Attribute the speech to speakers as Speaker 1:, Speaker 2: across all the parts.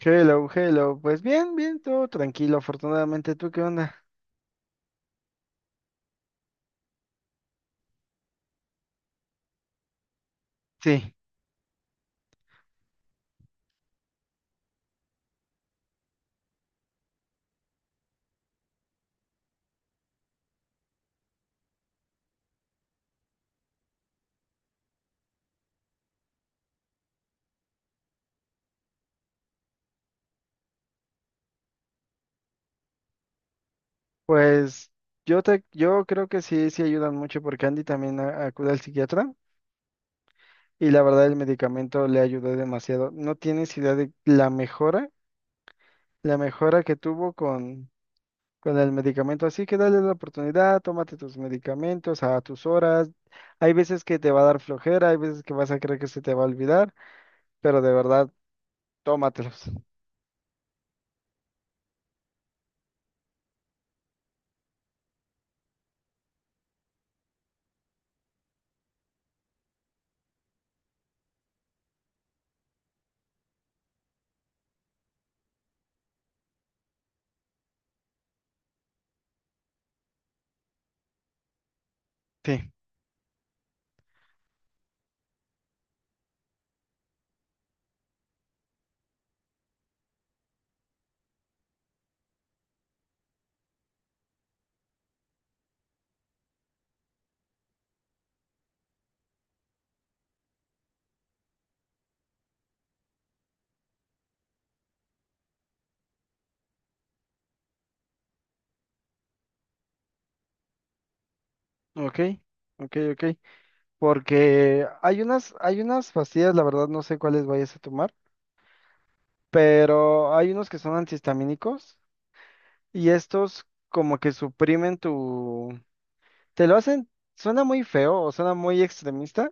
Speaker 1: Hello, hello. Pues bien, todo tranquilo, afortunadamente. ¿Tú qué onda? Sí, pues yo creo que sí, sí ayudan mucho porque Andy también acude al psiquiatra y la verdad el medicamento le ayudó demasiado. No tienes idea de la mejora que tuvo con el medicamento. Así que dale la oportunidad, tómate tus medicamentos a tus horas. Hay veces que te va a dar flojera, hay veces que vas a creer que se te va a olvidar, pero de verdad, tómatelos. Sí, ok, ok, ok. Porque hay unas pastillas, la verdad no sé cuáles vayas a tomar, pero hay unos que son antihistamínicos y estos como que suprimen tu... Te lo hacen, suena muy feo o suena muy extremista,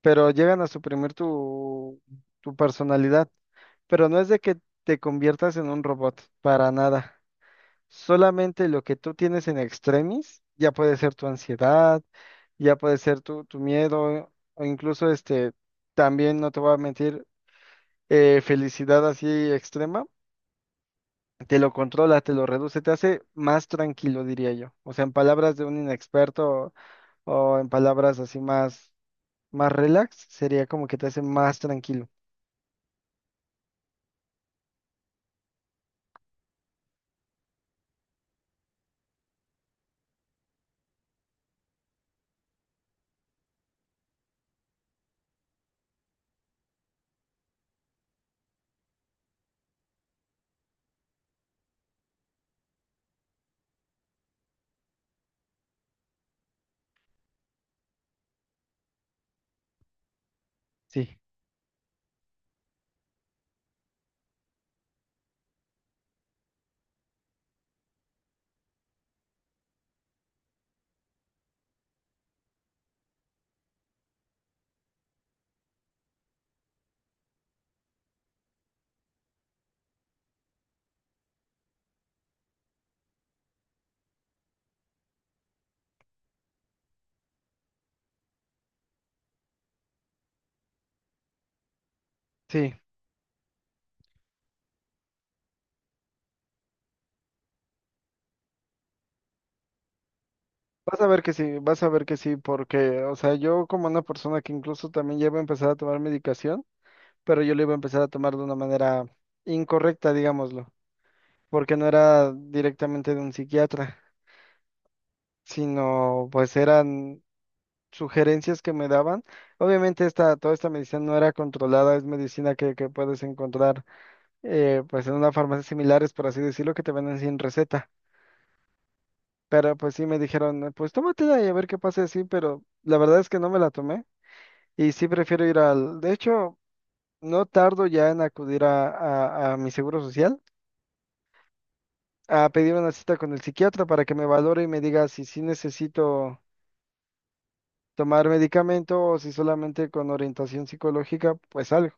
Speaker 1: pero llegan a suprimir tu personalidad. Pero no es de que te conviertas en un robot, para nada. Solamente lo que tú tienes en extremis, ya puede ser tu ansiedad, ya puede ser tu miedo, o incluso este, también no te voy a mentir, felicidad así extrema, te lo controla, te lo reduce, te hace más tranquilo, diría yo. O sea, en palabras de un inexperto o en palabras así más relax, sería como que te hace más tranquilo. Sí, sí. Vas a ver que sí, vas a ver que sí, porque, o sea, yo como una persona que incluso también llevo a empezar a tomar medicación, pero yo lo iba a empezar a tomar de una manera incorrecta, digámoslo, porque no era directamente de un psiquiatra, sino pues eran sugerencias que me daban. Obviamente toda esta medicina no era controlada, es medicina que puedes encontrar pues en una farmacia similares, por así decirlo, que te venden sin receta. Pero pues sí me dijeron, pues tómatela y a ver qué pasa así, pero la verdad es que no me la tomé y sí prefiero ir al... De hecho, no tardo ya en acudir a mi seguro social a pedir una cita con el psiquiatra para que me valore y me diga si sí necesito tomar medicamento o si solamente con orientación psicológica, pues algo.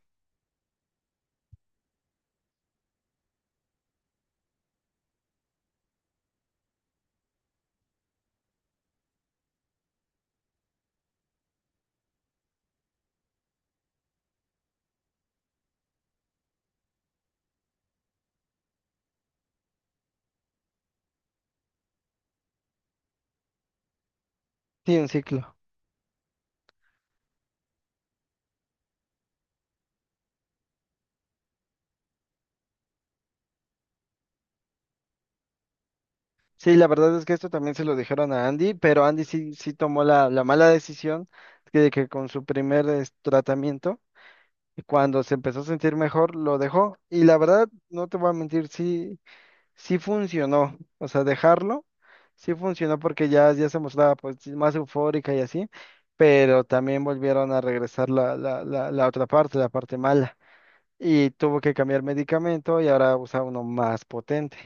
Speaker 1: Sí, un ciclo. Sí, la verdad es que esto también se lo dijeron a Andy, pero Andy sí, sí tomó la mala decisión de que con su primer tratamiento, cuando se empezó a sentir mejor, lo dejó. Y la verdad, no te voy a mentir, sí, sí funcionó, o sea, dejarlo, sí funcionó porque ya se mostraba pues sí, más eufórica y así, pero también volvieron a regresar la otra parte, la parte mala, y tuvo que cambiar medicamento y ahora usa uno más potente.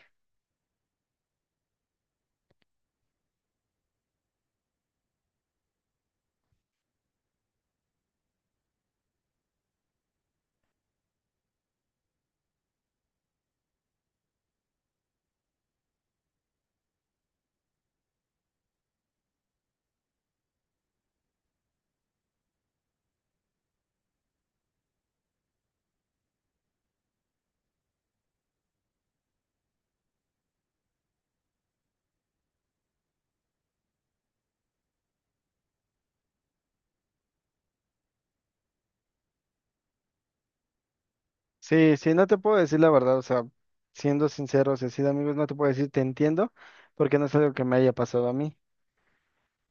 Speaker 1: Sí, sí, no te puedo decir la verdad, o sea, siendo sincero, y así de amigos, no te puedo decir te entiendo, porque no es algo que me haya pasado a mí.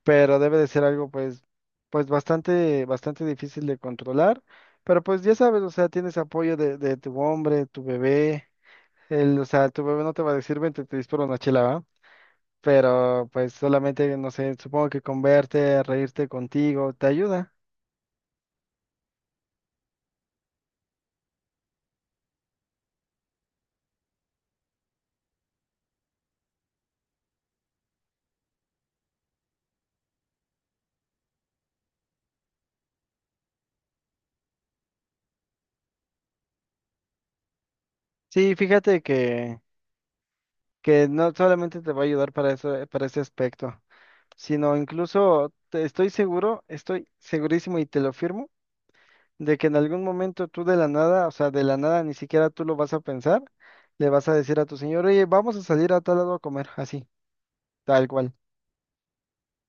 Speaker 1: Pero debe de ser algo pues, pues bastante, bastante difícil de controlar, pero pues ya sabes, o sea, tienes apoyo de tu hombre, tu bebé, él, o sea, tu bebé no te va a decir, vente, te disparo una chela, ¿va? Pero pues solamente, no sé, supongo que con verte, reírte contigo, te ayuda. Sí, fíjate que no solamente te va a ayudar para eso, para ese aspecto, sino incluso, estoy seguro, estoy segurísimo y te lo firmo de que en algún momento tú de la nada, o sea, de la nada ni siquiera tú lo vas a pensar, le vas a decir a tu señor, oye, vamos a salir a tal lado a comer, así, tal cual.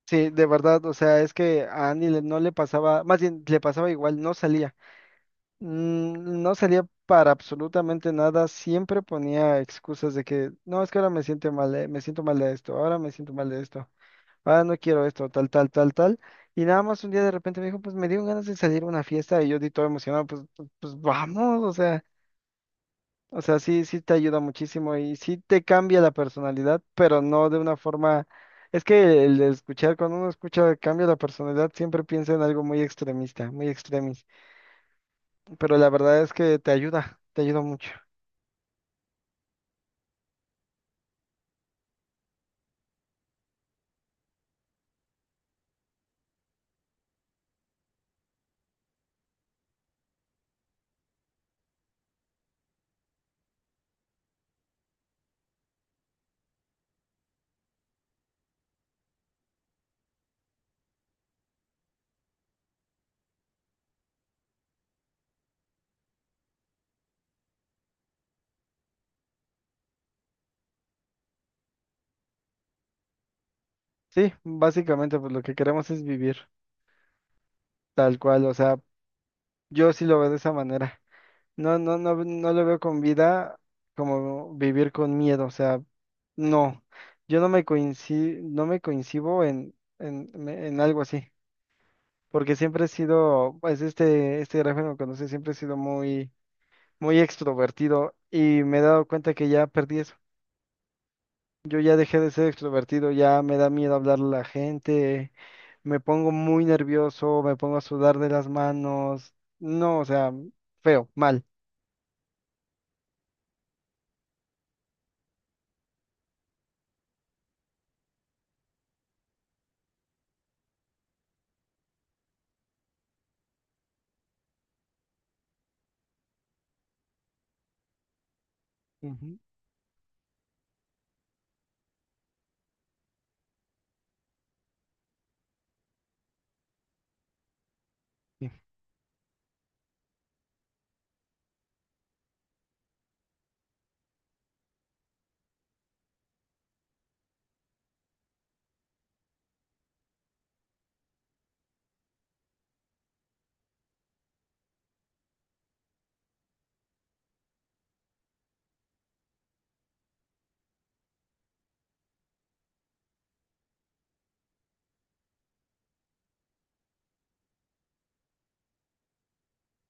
Speaker 1: Sí, de verdad, o sea, es que a Andy no le pasaba, más bien le pasaba igual, no salía. Mm, no salía para absolutamente nada, siempre ponía excusas de que, no, es que ahora me siento mal de esto, ahora me siento mal de esto, ahora no quiero esto, tal, tal, tal, tal. Y nada más un día de repente me dijo, pues me dieron ganas de salir a una fiesta y yo di todo emocionado, pues, vamos, o sea. O sea, sí, sí te ayuda muchísimo y sí te cambia la personalidad, pero no de una forma... Es que el de escuchar, cuando uno escucha cambia la personalidad, siempre piensa en algo muy extremista, muy extremis, pero la verdad es que te ayuda mucho. Sí, básicamente pues lo que queremos es vivir tal cual, o sea, yo sí lo veo de esa manera. No, no, no, no lo veo con vida como vivir con miedo, o sea, no, yo no me coincido, no me coincido en algo así. Porque siempre he sido, pues este gráfico que conoce, siempre he sido muy, muy extrovertido y me he dado cuenta que ya perdí eso. Yo ya dejé de ser extrovertido, ya me da miedo hablarle a la gente, me pongo muy nervioso, me pongo a sudar de las manos, no, o sea, feo, mal. Ujú, sí.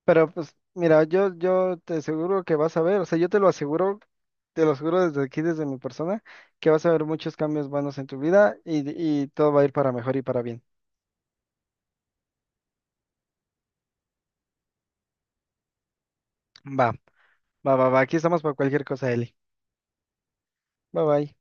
Speaker 1: Pero pues mira, yo te aseguro que vas a ver, o sea, yo te lo aseguro desde aquí, desde mi persona, que vas a ver muchos cambios buenos en tu vida y todo va a ir para mejor y para bien. Va. Va, va, va. Aquí estamos para cualquier cosa, Eli. Bye, bye.